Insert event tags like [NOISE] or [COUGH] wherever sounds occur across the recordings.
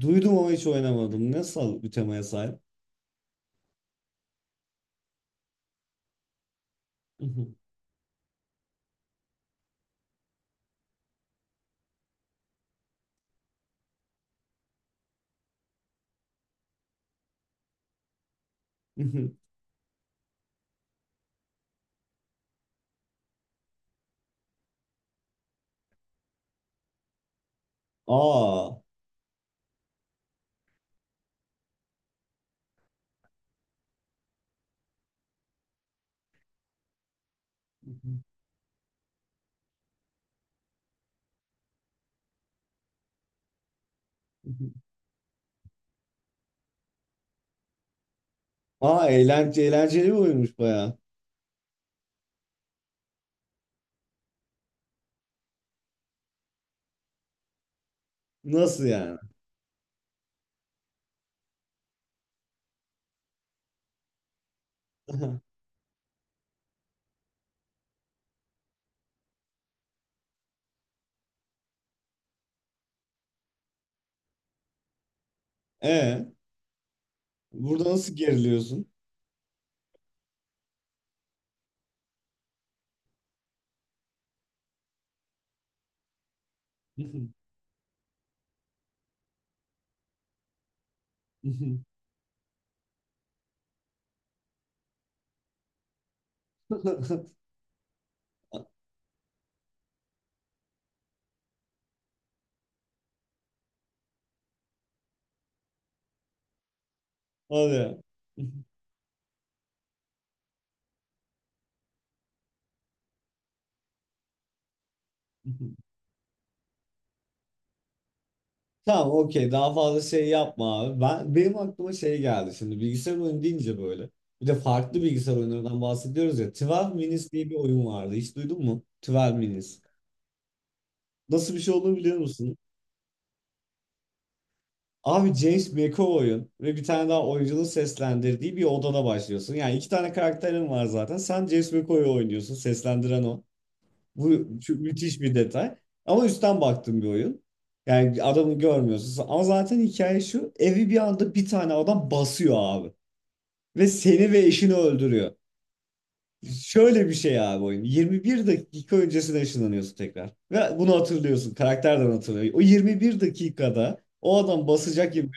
Duydum ama hiç oynamadım. Nasıl bir temaya sahip? [LAUGHS] Aa. Aa eğlenceli, eğlenceli bir oyunmuş baya. Nasıl yani? [LAUGHS] E burada nasıl geriliyorsun? [LAUGHS] Hadi ya. Tamam, okey, daha fazla şey yapma abi. Benim aklıma şey geldi şimdi, bilgisayar oyunu deyince böyle. Bir de farklı bilgisayar oyunlarından bahsediyoruz ya. 12 Minutes diye bir oyun vardı. Hiç duydun mu? 12 Minutes. Nasıl bir şey olduğunu biliyor musun? Abi, James McAvoy'un ve bir tane daha oyuncunun seslendirdiği bir odada başlıyorsun. Yani iki tane karakterin var zaten. Sen James McAvoy'u oynuyorsun. Seslendiren o. Bu şu müthiş bir detay. Ama üstten baktığım bir oyun. Yani adamı görmüyorsun. Ama zaten hikaye şu: evi bir anda bir tane adam basıyor abi. Ve seni ve eşini öldürüyor. Şöyle bir şey abi oyun. 21 dakika öncesine ışınlanıyorsun tekrar. Ve bunu hatırlıyorsun. Karakterden hatırlıyor. O 21 dakikada o adam basacak gibi.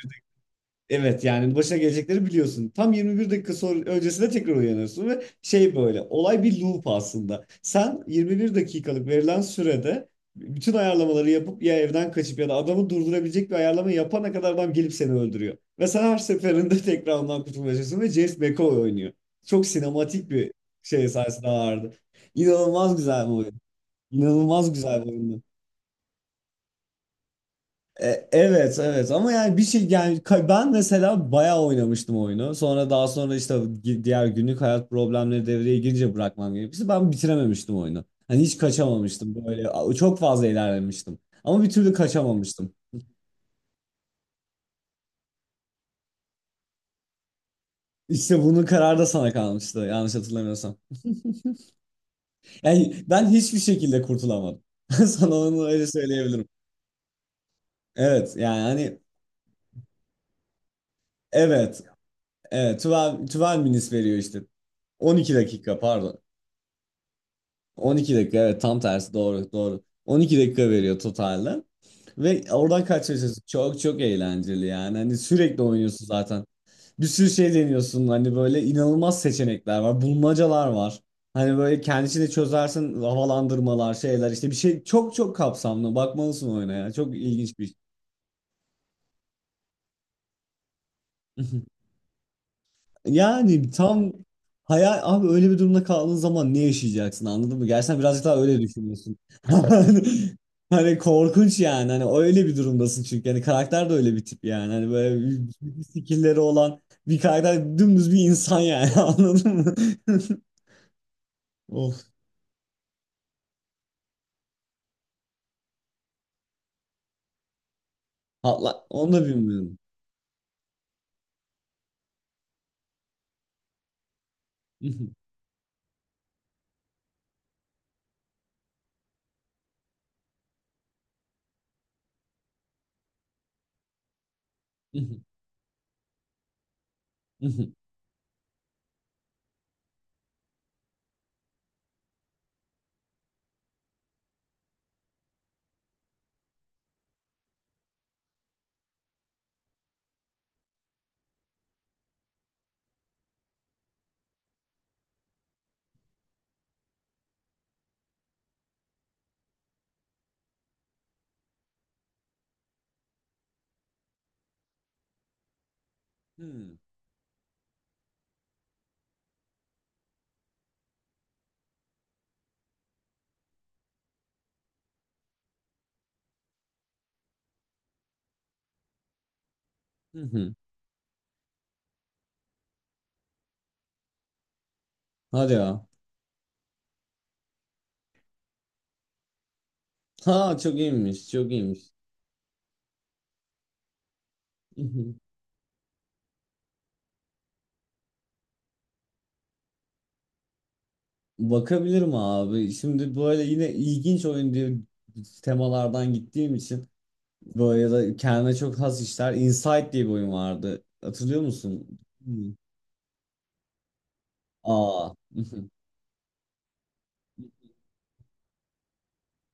Evet, yani başına gelecekleri biliyorsun. Tam 21 dakika sonra, öncesinde tekrar uyanıyorsun ve şey, böyle olay bir loop aslında. Sen 21 dakikalık verilen sürede bütün ayarlamaları yapıp ya evden kaçıp ya da adamı durdurabilecek bir ayarlama yapana kadar adam gelip seni öldürüyor. Ve sen her seferinde [LAUGHS] tekrar ondan kurtulmaya çalışıyorsun ve James McAvoy oynuyor. Çok sinematik bir şey sayesinde ağırdı. İnanılmaz güzel bir oyun. İnanılmaz güzel bir oyun. Evet evet, ama yani bir şey, yani ben mesela bayağı oynamıştım oyunu. Sonra, daha sonra işte diğer günlük hayat problemleri devreye girince bırakmam gerekmişti. Ben bitirememiştim oyunu. Hani hiç kaçamamıştım, böyle çok fazla ilerlemiştim. Ama bir türlü kaçamamıştım. İşte bunun kararı da sana kalmıştı, yanlış hatırlamıyorsam. Yani ben hiçbir şekilde kurtulamadım. [LAUGHS] Sana onu öyle söyleyebilirim. Evet, yani hani evet evet, 12, 12 minutes veriyor işte. 12 dakika pardon. 12 dakika, evet, tam tersi, doğru doğru. 12 dakika veriyor totalde. Ve oradan kaç. Çok çok eğlenceli yani. Hani sürekli oynuyorsun zaten. Bir sürü şey deniyorsun. Hani böyle inanılmaz seçenekler var. Bulmacalar var. Hani böyle kendisini çözersin, havalandırmalar, şeyler, işte bir şey çok çok kapsamlı. Bakmalısın oyuna ya. Çok ilginç bir iş. [LAUGHS] Yani tam hayal abi, öyle bir durumda kaldığın zaman ne yaşayacaksın, anladın mı? Gerçekten birazcık daha öyle düşünüyorsun. [LAUGHS] Hani korkunç yani, hani öyle bir durumdasın çünkü hani karakter de öyle bir tip yani, hani böyle bir skillleri olan bir karakter, dümdüz bir insan yani, [LAUGHS] anladın mı? [LAUGHS] Of. Atla onu da bilmiyorum. [LAUGHS] Hadi ya. Ha, çok iyiymiş, çok iyiymiş. [LAUGHS] Bakabilirim abi. Şimdi böyle yine ilginç oyun diye temalardan gittiğim için, böyle ya da kendine çok has işler. Inside diye bir oyun vardı. Hatırlıyor musun? Hmm. Aa. [LAUGHS]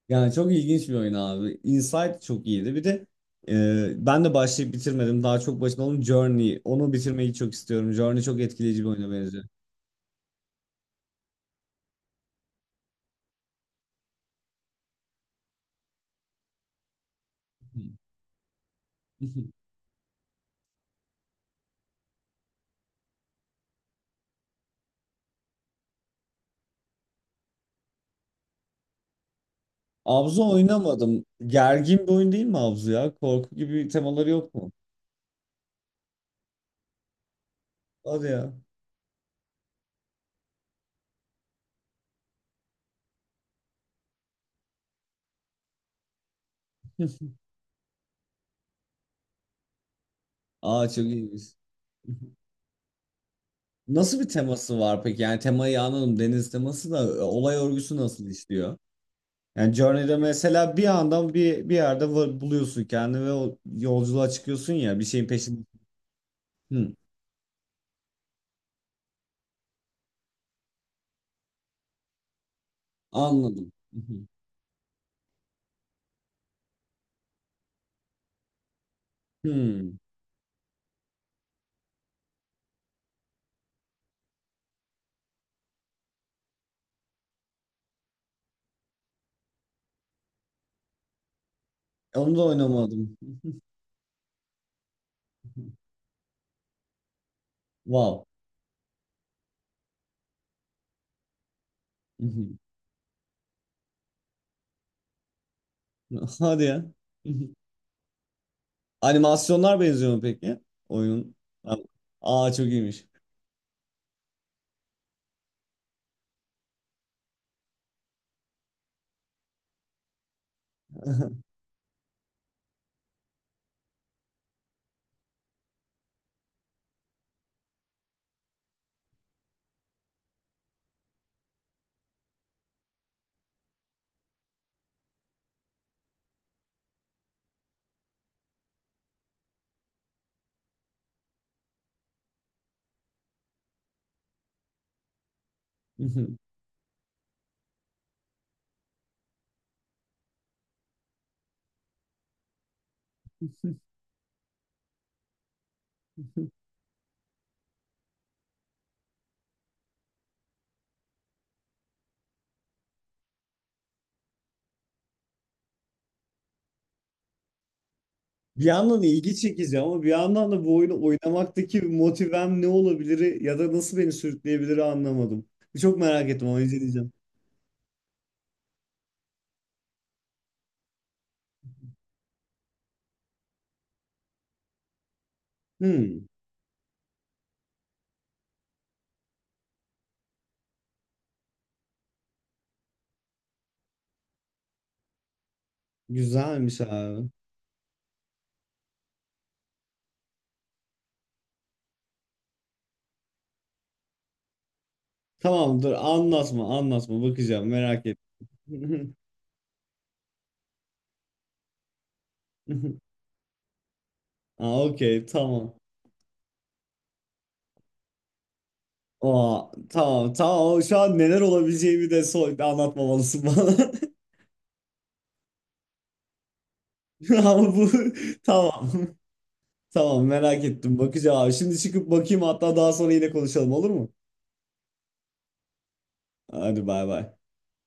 Yani çok ilginç bir oyun abi. Inside çok iyiydi. Bir de ben de başlayıp bitirmedim. Daha çok başında olan Journey. Onu bitirmeyi çok istiyorum. Journey çok etkileyici bir oyuna benziyor. Hmm. [LAUGHS] Abzu oynamadım. Gergin bir oyun değil mi Abzu ya? Korku gibi temaları yok mu? Hadi ya. [LAUGHS] Aa, çok iyiymiş. Nasıl bir teması var peki? Yani temayı anladım. Deniz teması da, olay örgüsü nasıl işliyor? Yani Journey'de mesela bir anda bir yerde buluyorsun kendini ve o yolculuğa çıkıyorsun ya, bir şeyin peşinde. Hı, anladım. Hı, hı. Onu da oynamadım. [LAUGHS] Wow. [LAUGHS] Hı hı. Hadi ya. [LAUGHS] Animasyonlar benziyor mu peki? Oyunun. Aa, çok iyiymiş. [LAUGHS] Bir yandan ilgi çekici ama bir yandan da, bu oyunu oynamaktaki motivem ne olabilir ya da nasıl beni sürükleyebilir, anlamadım. Çok merak ettim ama izleyeceğim. Hmm, güzelmiş abi. Tamam, dur, anlatma anlatma, bakacağım, merak ettim. [LAUGHS] Aa, okey, tamam. Aa, tamam tamam, şu an neler olabileceğimi de so anlatmamalısın bana. [LAUGHS] Ama bu tamam. Tamam, merak ettim, bakacağım abi. Şimdi çıkıp bakayım hatta, daha sonra yine konuşalım, olur mu? Hadi, bay bay.